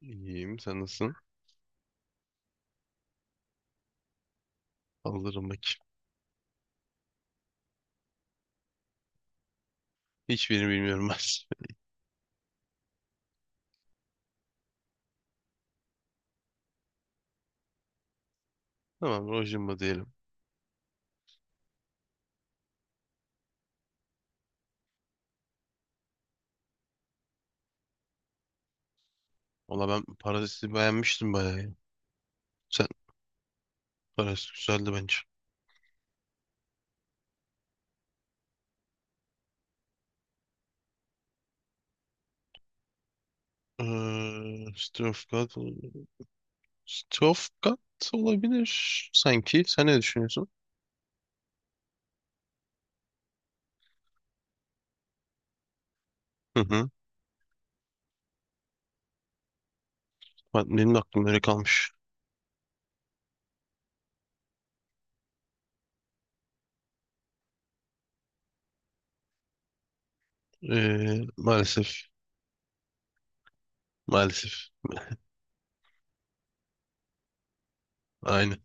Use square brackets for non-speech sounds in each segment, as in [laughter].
İyiyim. Sen nasılsın? Alırım bak. Hiçbirini bilmiyorum ben. [laughs] Tamam. Rojimba diyelim. Valla ben Parazit'i beğenmiştim bayağı ya. Sen Parazit güzeldi bence. Ee, Strofgard, Strofgard olabilir sanki. Sen ne düşünüyorsun? Hı hı. Benim de aklım öyle kalmış. Maalesef. Maalesef. Aynı.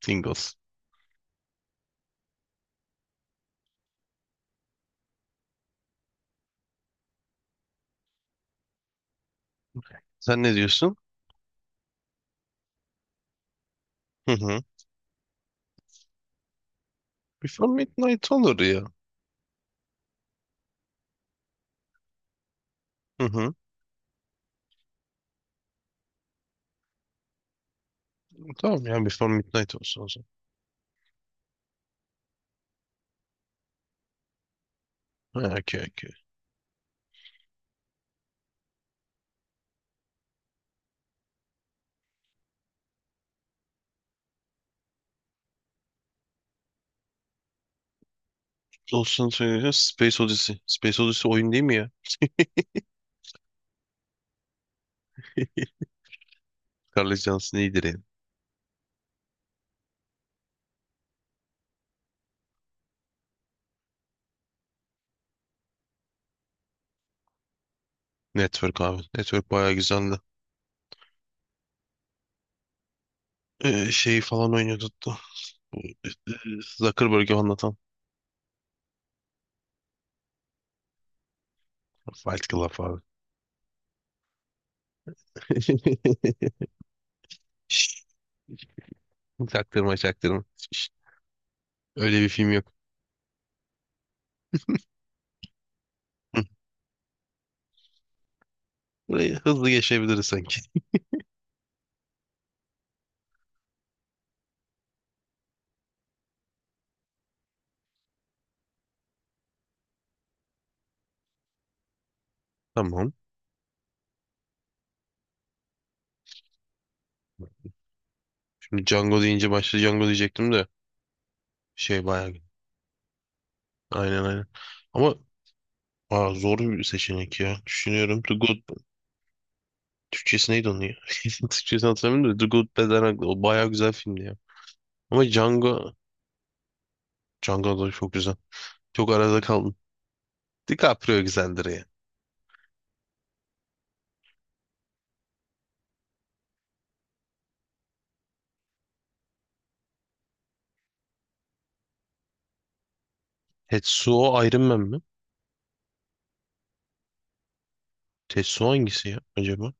Tingles. Sen ne diyorsun? Hı hı. Before Midnight olur ya. Hı hı. Tamam ya Before Midnight olsun o zaman. Ha, okey okey. Olsun söyleyeceğim. Space Odyssey. Space Odyssey oyun değil mi ya? Scarlett Johansson iyidir yani. Network abi. Network bayağı güzeldi. Şeyi falan oynuyordu hatta. [laughs] Zuckerberg'i anlatan. Fight Club abi. [laughs] Şşt, çaktırma çaktırma. Şşt, öyle bir film yok. Hı. Burayı hızlı geçebiliriz sanki. Tamam. Şimdi Django deyince başta Django diyecektim de şey bayağı. Aynen aynen. Ama zor bir seçenek ya. Düşünüyorum. The Good. Türkçesi neydi onun ya? [laughs] Türkçesini hatırlamıyorum da The Good Bad and Ugly. O bayağı güzel filmdi ya. Ama Django, Django da çok güzel. Çok arada kaldım. DiCaprio güzeldir ya. Tetsuo Iron Man mi? Tetsuo hangisi ya acaba?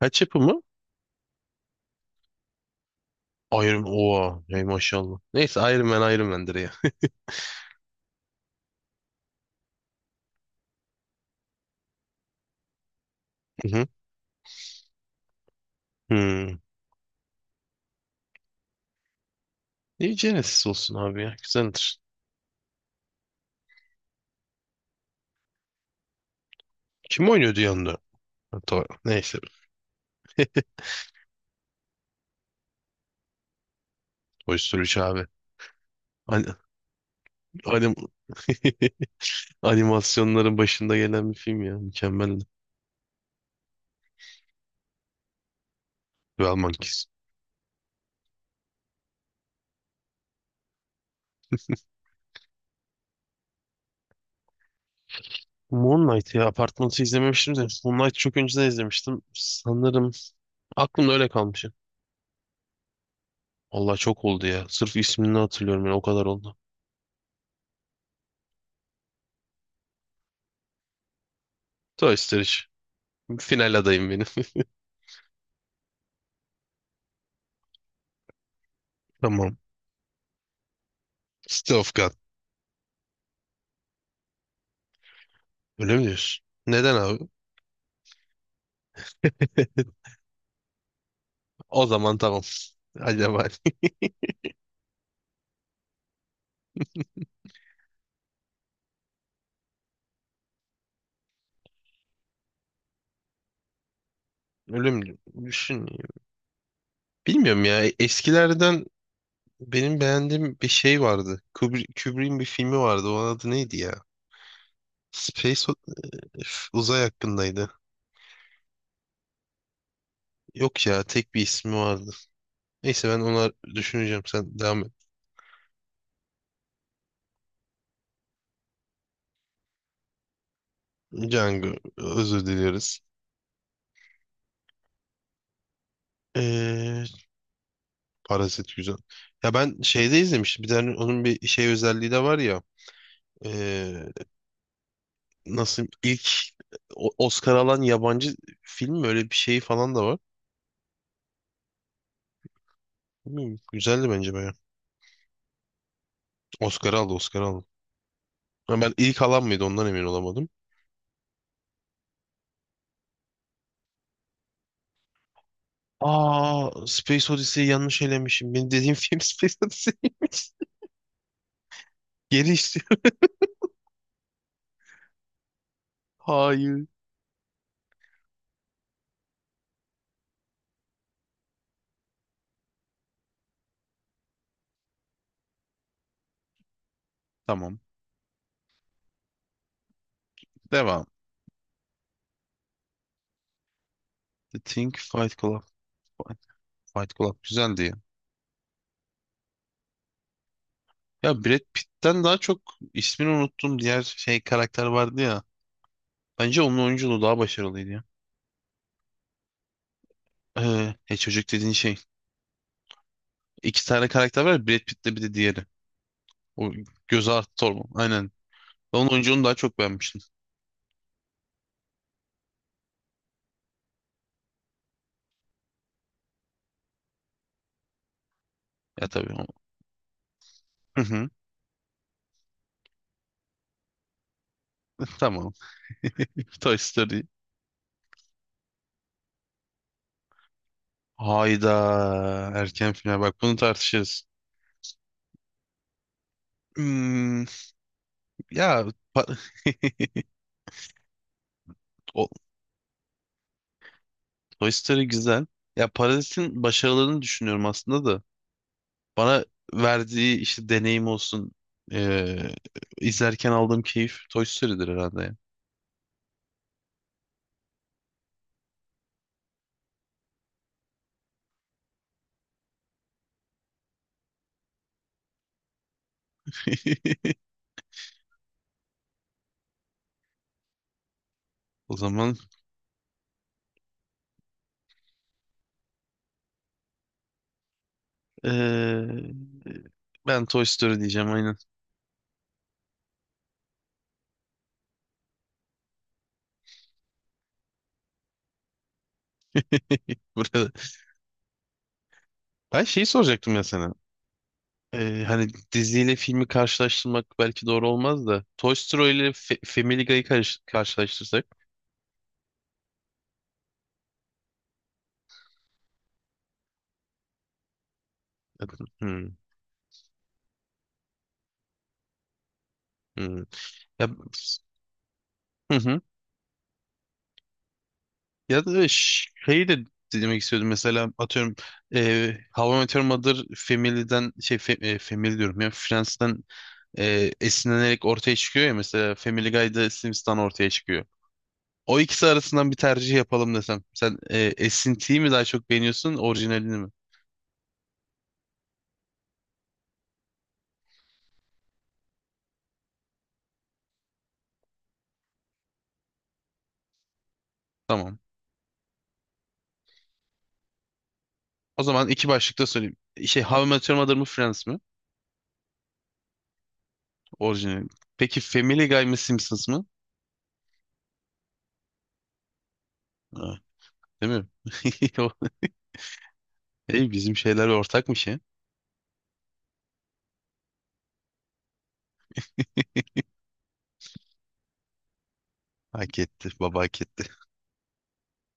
Kaç yapımı? Oha. Ey maşallah. Neyse Iron Man Iron Man'dir ya. [laughs] Hı hı. Hmm. Niye Genesis olsun abi ya? Güzeldir. Kim oynuyordu yanında? Hatta neyse. Toy Story 3 abi. Hani, hani... [laughs] Animasyonların başında gelen bir film ya. Mükemmeldi. Well Monkeys. Moon Knight ya Apartman'ı izlememiştim de. Moon Knight çok önceden izlemiştim. Sanırım aklımda öyle kalmış. Allah çok oldu ya. Sırf ismini hatırlıyorum yani o kadar oldu. Toy Story üç. Final adayım benim. [laughs] Tamam. City of God. Öyle mi diyorsun? Neden abi? [laughs] O zaman tamam. Acaba [laughs] ölüm düşün. Bilmiyorum ya. Eskilerden benim beğendiğim bir şey vardı. Kubrick'in bir filmi vardı. Onun adı neydi ya? Space o- uzay hakkındaydı. Yok ya tek bir ismi vardı. Neyse ben onlar düşüneceğim sen devam et. Django özür diliyoruz. Ee, Parazit güzel. Ya ben şeyde izlemiştim. Bir tane onun bir şey özelliği de var ya. Ee, nasıl ilk Oscar alan yabancı film mi? Öyle bir şey falan da var. Bilmiyorum, güzeldi bence baya. Oscar aldı Oscar aldı. Ama ben ilk alan mıydı ondan emin olamadım. Aa Space Odyssey'i yanlış elemişim. Benim dediğim film [laughs] Space Odyssey. Geri [laughs] Hayır. Tamam. Devam. The Think Fight Club. Fight Fight Club güzeldi ya. Ya Brad Pitt'ten daha çok ismini unuttum diğer şey karakter vardı ya. Bence onun oyunculuğu daha başarılıydı ya. Çocuk dediğin şey. İki tane karakter var. Ya, Brad Pitt'le bir de diğeri. O göze artı torba. Aynen. Ben onun oyunculuğunu daha çok beğenmiştim. Ya tabii. Hı hı. Tamam. [laughs] Toy Story. Hayda. Erken final. Bak bunu tartışırız. Hmm, ya pa- o- Toy Story güzel. Ya Parazit'in başarılarını düşünüyorum aslında da. Bana verdiği işte deneyim olsun, eee, izlerken aldığım keyif Toy Story'dir herhalde ya. [laughs] O zaman eee, ben Toy Story diyeceğim aynen. [laughs] Burada. Ben şeyi soracaktım ya sana. Hani diziyle filmi karşılaştırmak belki doğru olmaz da. Toy Story ile Family Guy'ı karşılaştırsak. Hmm, hmm. Ya, hı hı. Ya da şey de demek istiyordum mesela atıyorum How I Met Your Mother Family'den şey Family diyorum ya Friends'den esinlenerek ortaya çıkıyor ya mesela Family Guy'da Simpsons'tan ortaya çıkıyor. O ikisi arasından bir tercih yapalım desem. Sen esintiyi mi daha çok beğeniyorsun orijinalini mi? Tamam. O zaman iki başlıkta söyleyeyim. Şey How I Met Your Mother mı Friends mi? Orijinali. Peki Family Guy mı Simpsons mı? Ha, değil mi? [laughs] Ey, bizim şeyler ortakmış ya. Hak etti. Baba hak etti.